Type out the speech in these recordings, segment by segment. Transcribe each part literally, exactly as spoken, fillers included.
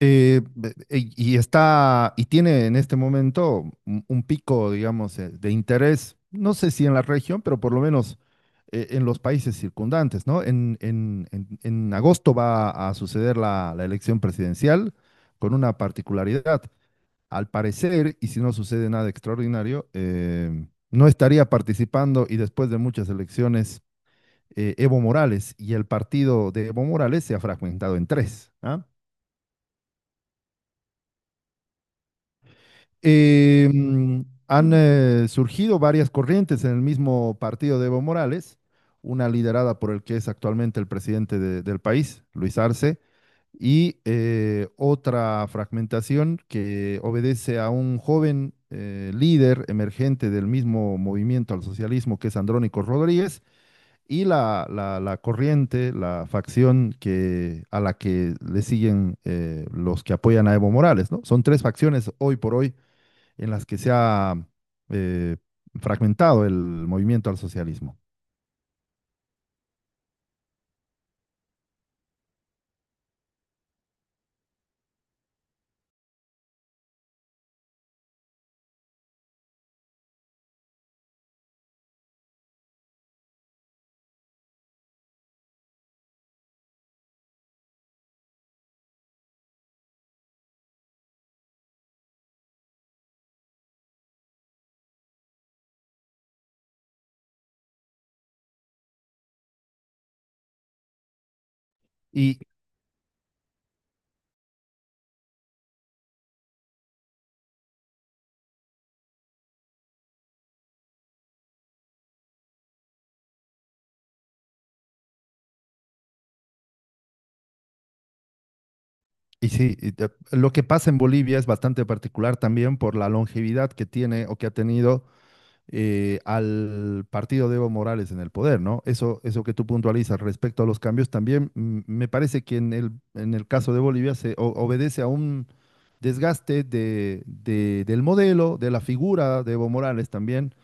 Eh, be- e- y está, y tiene en este momento un un pico, digamos, eh, de interés, no sé si en la región, pero por lo menos eh, en los países circundantes, ¿no? En, en- en- en agosto va a suceder la, la elección presidencial con una particularidad. Al parecer, y si no sucede nada extraordinario, eh, no estaría participando y después de muchas elecciones, eh, Evo Morales y el partido de Evo Morales se ha fragmentado en tres, ¿ah? Eh, mm, Han eh, surgido varias corrientes en el mismo partido de Evo Morales, una liderada por el que es actualmente el presidente de- del país, Luis Arce, y eh, otra fragmentación que obedece a un joven eh, líder emergente del mismo Movimiento al Socialismo, que es Andrónico Rodríguez, y la, la- la corriente, la facción que, a la que le siguen eh, los que apoyan a Evo Morales, ¿no? Son tres facciones hoy por hoy en las que se ha eh, fragmentado el Movimiento al Socialismo. Y, y sí, y te- lo que pasa en Bolivia es bastante particular también por la longevidad que tiene o que ha tenido eh, al partido de Evo Morales en el poder, ¿no? Eso, eso que tú puntualizas respecto a los cambios también, mm, me parece que en el, en el caso de Bolivia se o- obedece a un desgaste de, de- del modelo, de la figura de Evo Morales también.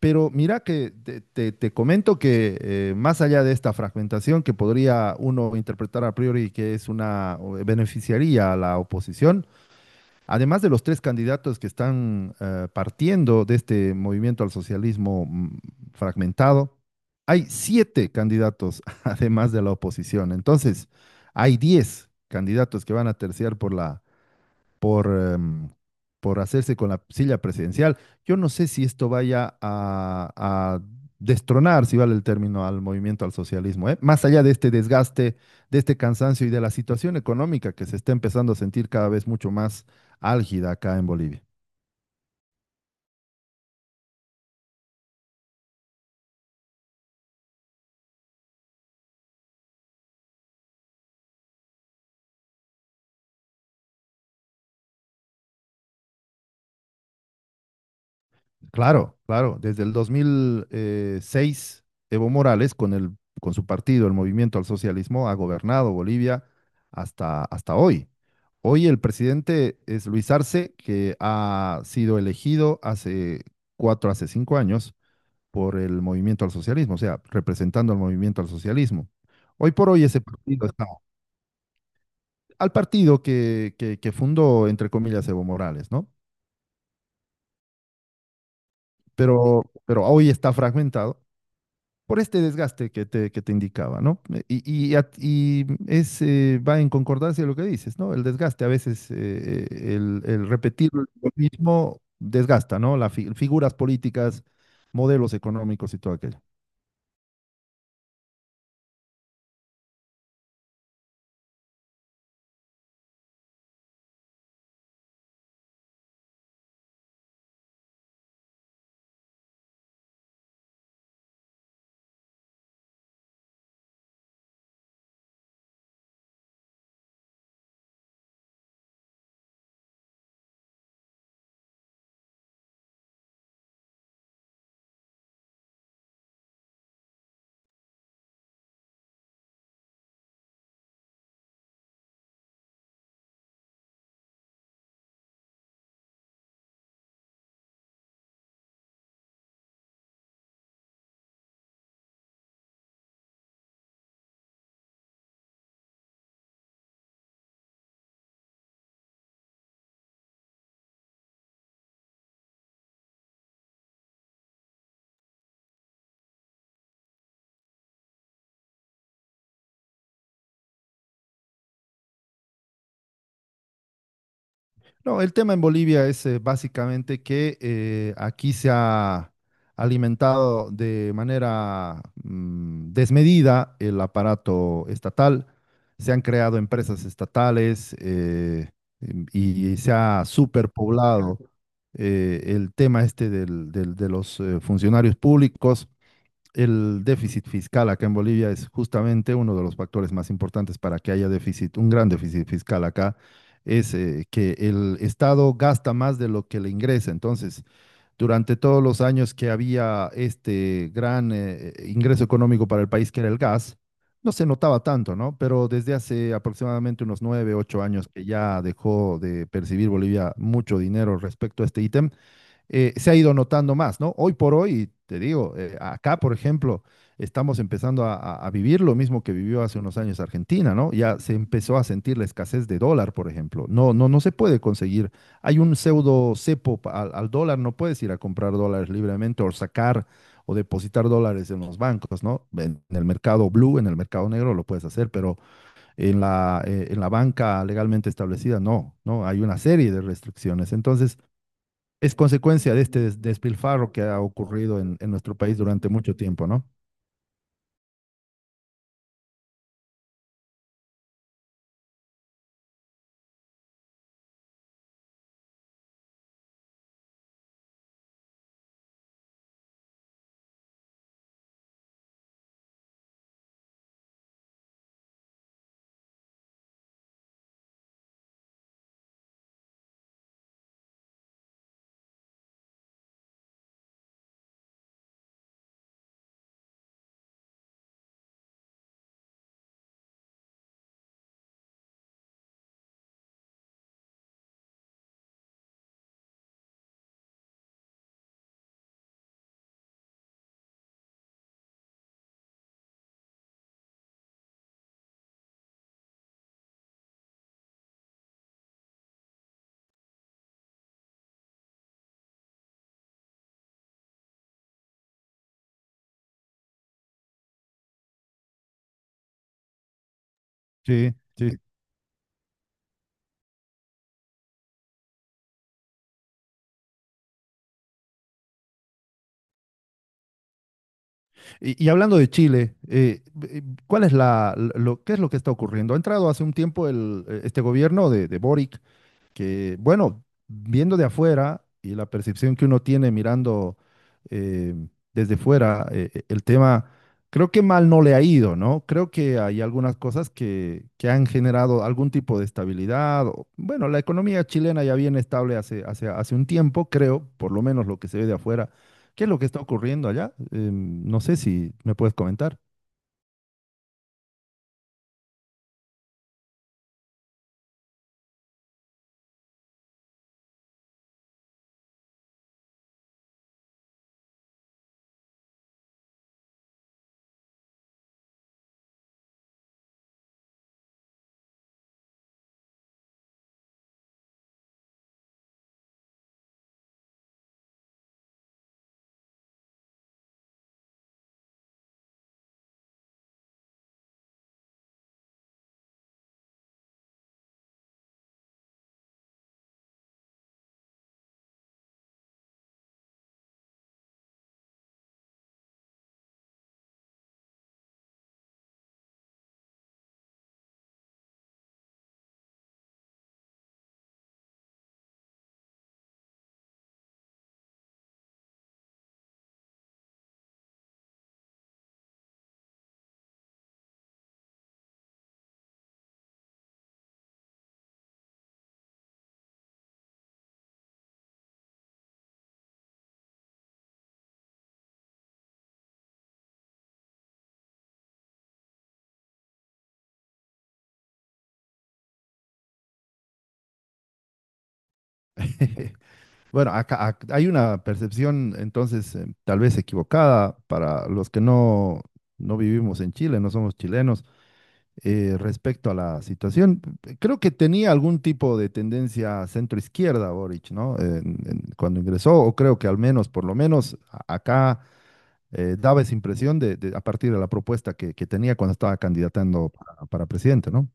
Pero mira que te, te- te comento que eh, más allá de esta fragmentación que podría uno interpretar a priori que es una o- beneficiaría a la oposición, además de los tres candidatos que están eh, partiendo de este Movimiento al Socialismo, mm, fragmentado, hay siete candidatos además de la oposición. Entonces, hay diez candidatos que van a terciar por la por, em, por hacerse con la silla presidencial. Yo no sé si esto vaya a, a destronar, si vale el término, al Movimiento al Socialismo, ¿eh? Más allá de este desgaste, de este cansancio y de la situación económica que se está empezando a sentir cada vez mucho más álgida acá en Bolivia. Claro, claro. Desde el dos mil seis, Evo Morales, con el, con su partido, el Movimiento al Socialismo, ha gobernado Bolivia hasta, hasta hoy. Hoy el presidente es Luis Arce, que ha sido elegido hace cuatro, hace cinco años por el Movimiento al Socialismo, o sea, representando al Movimiento al Socialismo. Hoy por hoy ese partido está al partido que, que, que fundó, entre comillas, Evo Morales, ¿no? Pero, pero hoy está fragmentado por este desgaste que te, que te indicaba, ¿no? Y, y, y es, eh, va en concordancia de lo que dices, ¿no? El desgaste, a veces, eh, eh, el, el repetir lo mismo desgasta, ¿no? Las fi- figuras políticas, modelos económicos y todo aquello. No, el tema en Bolivia es, eh, básicamente, que eh, aquí se ha alimentado de manera mm, desmedida el aparato estatal, se han creado empresas estatales, eh, em- y se ha superpoblado eh, el tema este del- del- de los eh, funcionarios públicos. El déficit fiscal acá en Bolivia es justamente uno de los factores más importantes para que haya déficit, un gran déficit fiscal acá, es eh, que el Estado gasta más de lo que le ingresa. Entonces, durante todos los años que había este gran, eh, eh, ingreso económico para el país, que era el gas, no se notaba tanto, ¿no? Pero desde hace aproximadamente unos nueve, ocho años que ya dejó de percibir Bolivia mucho dinero respecto a este ítem, eh, se ha ido notando más, ¿no? Hoy por hoy, te digo, eh, acá, por ejemplo, estamos empezando a, a- a vivir lo mismo que vivió hace unos años Argentina, ¿no? Ya se empezó a sentir la escasez de dólar, por ejemplo. No, no, no se puede conseguir. Hay un pseudo cepo pa- al, al dólar, no puedes ir a comprar dólares libremente o sacar o depositar dólares en los bancos, ¿no? En, en el mercado blue, en el mercado negro lo puedes hacer, pero en la, eh, en la banca legalmente establecida, no, no, hay una serie de restricciones. Entonces, es consecuencia de este des- despilfarro que ha ocurrido en, en nuestro país durante mucho tiempo, ¿no? Sí, sí. Y, y hablando de Chile, eh, eh, ¿cuál es la, lo, qué es lo que está ocurriendo? Ha entrado hace un tiempo el, eh, este gobierno de, de Boric que, bueno, viendo de afuera y la percepción que uno tiene mirando eh, desde fuera, eh, eh, el tema, creo que mal no le ha ido, ¿no? Creo que hay algunas cosas que, que han generado algún tipo de estabilidad. o- Bueno, la economía chilena ya viene estable hace, hace, hace un tiempo, creo, por lo menos lo que se ve de afuera. ¿Qué es lo que está ocurriendo allá? Em, no sé si me puedes comentar. Bueno, acá, ac- hay una percepción, entonces, eh, tal vez equivocada, para los que no, no vivimos en Chile, no somos chilenos, eh, respecto a la situación. P- Creo que tenía algún tipo de tendencia centro-izquierda Boric, ¿no? En- en- cuando ingresó, o creo que al menos, por lo menos a- acá eh, daba esa impresión de, de- a partir de la propuesta que, que tenía cuando estaba candidatando para, para presidente, ¿no?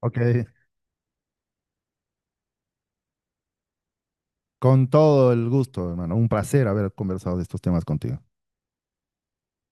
Ok, con todo el gusto, hermano. Un placer haber conversado de estos temas contigo.